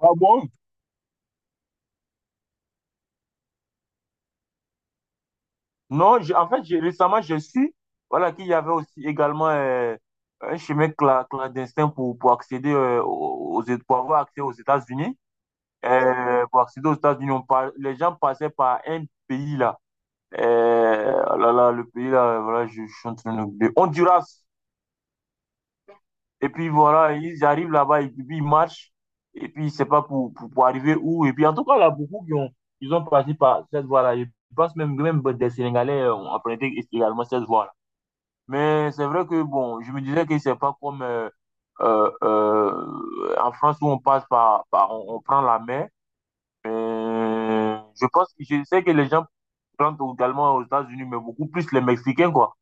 Ah bon? Non, récemment, j'ai su voilà, qu'il y avait aussi également un clandestin pour accéder pour avoir accès aux États-Unis. Pour accéder aux États-Unis, les gens passaient par un pays là. Oh là là, le pays là, voilà, je suis en train de l'oublier. Honduras. Et puis voilà, ils arrivent là-bas, et puis ils marchent, et puis c'est pas pour arriver où. Et puis en tout cas, là, ils ont passé par cette voie-là. Je pense même des Sénégalais ont emprunté également cette voie-là. Mais c'est vrai que bon, je me disais que c'est pas comme en France où on passe par, par on prend la mer. Je sais que les gens prennent également aux États-Unis, mais beaucoup plus les Mexicains, quoi.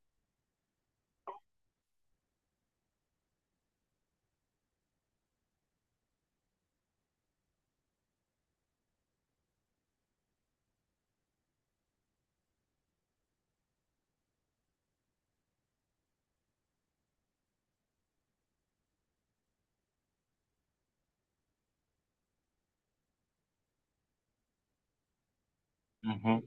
Mhm.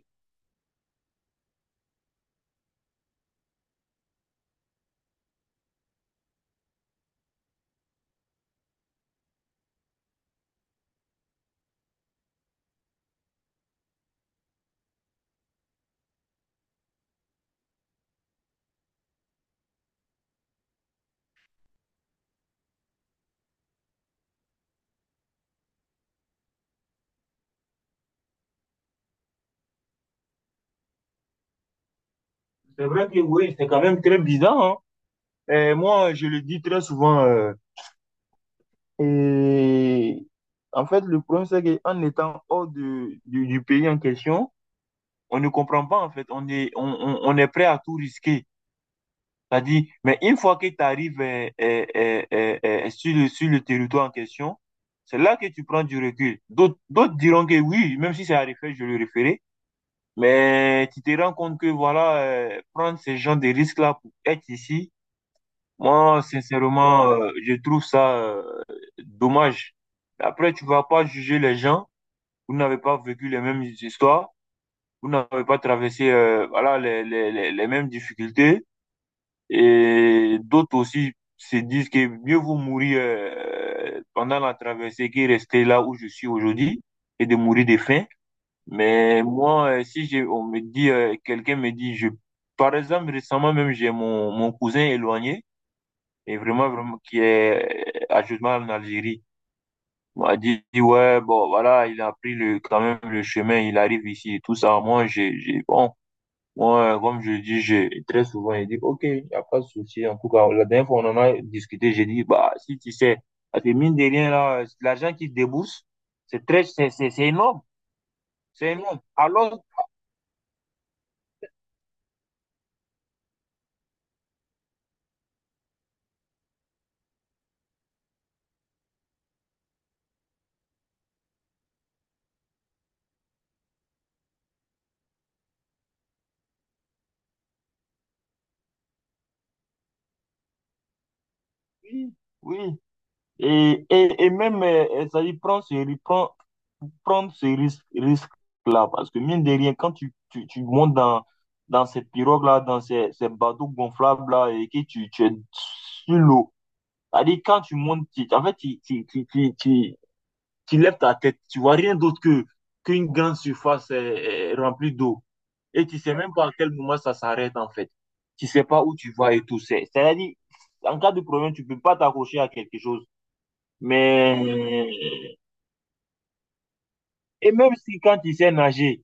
C'est vrai que oui, c'est quand même très bizarre, hein. Et moi, je le dis très souvent. Et En fait, le problème, c'est qu'en étant hors du du pays en question, on ne comprend pas, en fait. On est prêt à tout risquer. C'est-à-dire, mais une fois que tu arrives sur sur le territoire en question, c'est là que tu prends du recul. D'autres diront que oui, même si c'est à refaire, je le referai. Mais tu te rends compte que, voilà, prendre ces gens de risques-là pour être ici, moi, sincèrement, je trouve ça dommage. Après, tu vas pas juger les gens. Vous n'avez pas vécu les mêmes histoires. Vous n'avez pas traversé voilà, les mêmes difficultés. Et d'autres aussi se disent que mieux vaut mourir pendant la traversée que rester là où je suis aujourd'hui et de mourir de faim. Mais moi, si j'ai, on me dit, quelqu'un me dit, par exemple, récemment même, mon cousin éloigné et vraiment, vraiment, qui est à justement en Algérie. On m'a dit, ouais, bon, voilà, il a pris le, quand même, le chemin, il arrive ici et tout ça. Moi, bon, moi, comme je dis, très souvent, il dit, ok, il n'y a pas de souci. En tout cas, la dernière fois, on en a discuté, j'ai dit, bah, si tu sais, parce que mine de rien, là, l'argent qu'il débourse, c'est énorme, c'est énorme. Alors, oui, oui. Et, et, même, ça dit, prendre, prendre ce risque-là, parce que mine de rien, quand tu montes dans ces pirogues-là, ces bateaux gonflables-là, et que tu es sur l'eau, ça dit, quand tu montes, en fait, tu lèves ta tête, tu vois rien d'autre qu'une grande surface remplie d'eau. Et tu sais même pas à quel moment ça s'arrête, en fait. Tu sais pas où tu vas et tout. C'est-à-dire, en cas de problème, tu peux pas t'accrocher à quelque chose. Mais, et même si quand tu sais nager,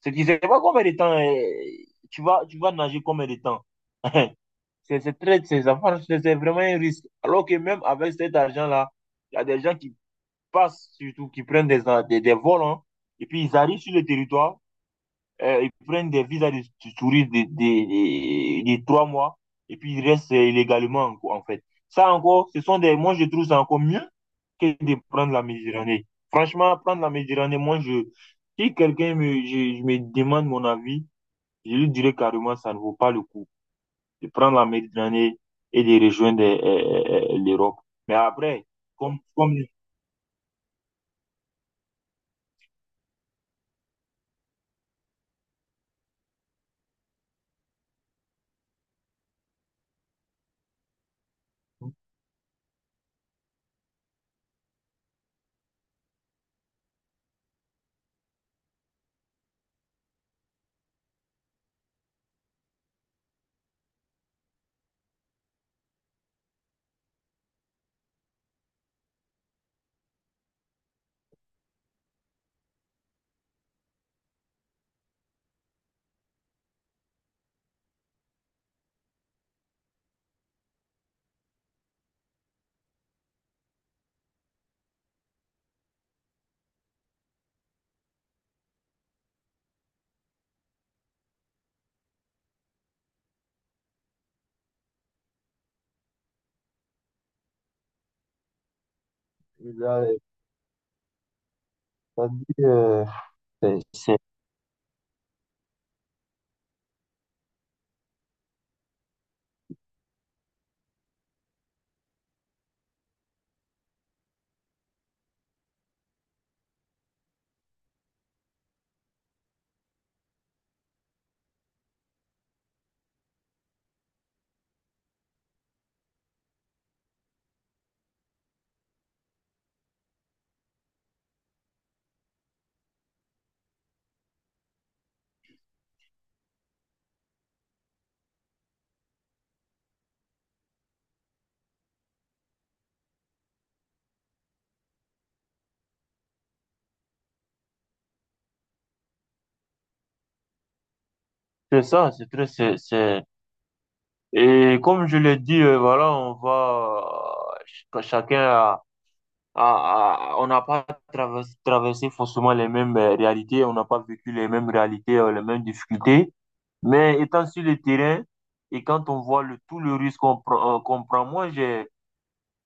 c'est tu sais pas combien de temps, tu vas nager combien de temps. C'est très, c'est ça marche, c'est vraiment un risque. Alors que même avec cet argent-là, il y a des gens qui passent, surtout qui prennent des vols, hein, et puis ils arrivent sur le territoire. Ils prennent des visas touristes de trois mois et puis ils restent illégalement, quoi, en fait. Ça encore, ce sont des. Moi, je trouve ça encore mieux que de prendre la Méditerranée. Franchement, prendre la Méditerranée, moi, si quelqu'un me, je me demande mon avis, je lui dirais carrément, ça ne vaut pas le coup de prendre la Méditerranée et de rejoindre l'Europe. Mais après, comme, comme, il a ça dit, c'est c'est c'est ça c'est très, c'est- et comme je l'ai dit, voilà, chacun on n'a pas traversé forcément les mêmes réalités, on n'a pas vécu les mêmes réalités, les mêmes difficultés. Mais étant sur le terrain et quand on voit tout le risque qu'on prend, moi,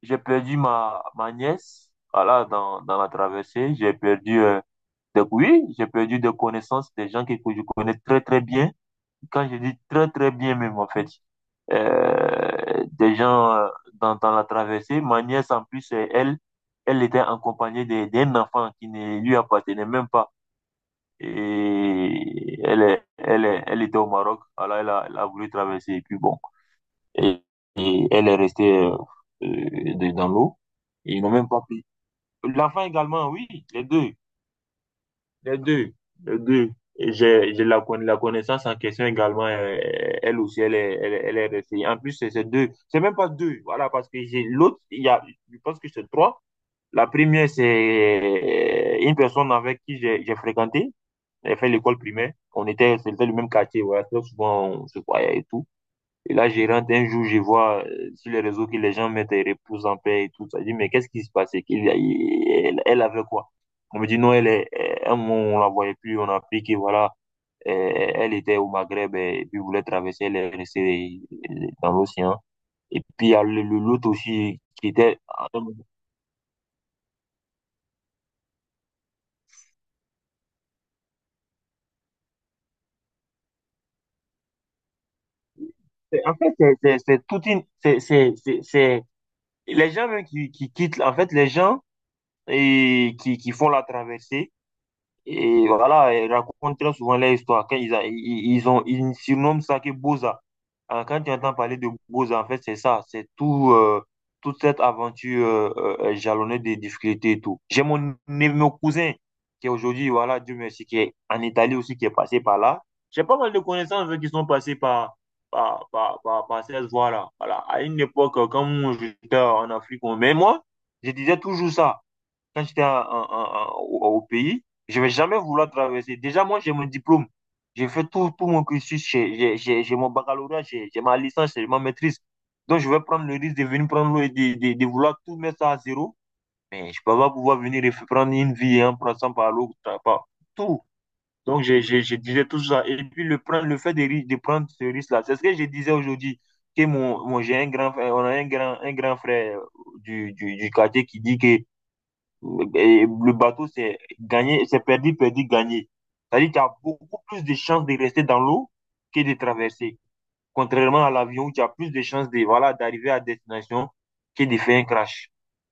j'ai perdu ma nièce, voilà, dans la traversée, j'ai perdu, oui, j'ai perdu des connaissances, des gens que je connais très, très bien quand je dis très très bien même en fait, euh, des gens euh, dans la traversée, ma nièce en plus, elle était accompagnée d'un enfant qui ne lui appartenait même pas. Et elle était au Maroc, alors elle a voulu traverser et puis bon, et, et elle est restée dans l'eau. Ils n'ont même pas pris. L'enfant également, oui, les deux. Les deux, les deux. Et j'ai, la connaissance en question également, elle aussi, elle est restée. En plus, c'est même pas deux, voilà, parce que j'ai l'autre, il y a, je pense que c'est trois. La première, c'est une personne avec qui j'ai fréquenté, elle fait l'école primaire. On était, c'était le même quartier, voilà, très souvent, on se voyait et tout. Et là, gérante, un jour, je vois sur les réseaux que les gens mettent les repousse en paix et tout ça. Je dis, mais qu'est-ce qui se passait? Qu'il y a- il- elle, elle avait quoi? On me dit, non, elle est, un moment, on la voyait plus, on a appris que voilà, elle était au Maghreb et puis voulait traverser, elle est restée dans l'océan. Et puis, il y a l'autre aussi qui était. En fait, c'est toute une. Les gens même qui quittent, en fait, les gens et qui font la traversée. Et voilà, ils racontent très souvent leur histoire. Quand ils, a- ils, ils ont, ils surnomment ça que Boza. Hein, quand tu entends parler de Boza, en fait, c'est ça. C'est tout, toute cette aventure jalonnée de difficultés et tout. J'ai mon cousin qui est aujourd'hui, voilà, Dieu merci, qui est en Italie aussi, qui est passé par là. J'ai pas mal de connaissances eux, qui sont passés par cette voie-là. Voilà. À une époque, quand moi, j'étais en Afrique, mais moi, je disais toujours ça quand j'étais en- en- en- au, au pays, je vais jamais vouloir traverser. Déjà, moi, j'ai mon diplôme. J'ai fait tout, tout mon cursus. J'ai mon baccalauréat, j'ai ma licence, j'ai ma maîtrise. Donc, je vais prendre le risque de venir prendre l'eau et de vouloir tout mettre ça à zéro. Mais je peux pas pouvoir venir et prendre une vie en passant par l'autre, par tout. Donc, je disais tout ça. Et puis, le, prendre, le fait de, ri- de prendre ce risque-là, c'est ce que je disais aujourd'hui. Que mon, j'ai un grand frère, on a un un grand frère du quartier qui dit que et le bateau, c'est gagner, c'est perdu, perdu, gagné. C'est-à-dire que tu as beaucoup plus de chances de rester dans l'eau que de traverser. Contrairement à l'avion, où tu as plus de chances de, voilà, d'arriver à destination que de faire un crash.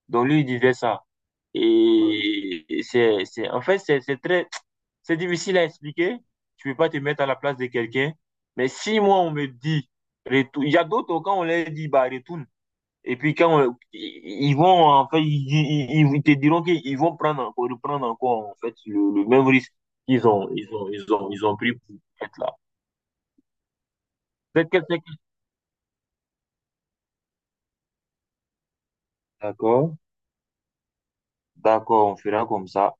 Donc lui, il disait ça. Et c'est très, c'est difficile à expliquer. Tu peux pas te mettre à la place de quelqu'un. Mais si moi, on me dit, retourne, il y a d'autres, quand on leur dit, bah, retourne, et puis quand ils vont, en fait, ils te diront qu'ils vont prendre encore, reprendre encore, en fait, le même risque qu'ils ont, ils ont, ils ont, ils ont pris pour être là. Peut-être que c'est- D'accord, d'accord, on fera comme ça.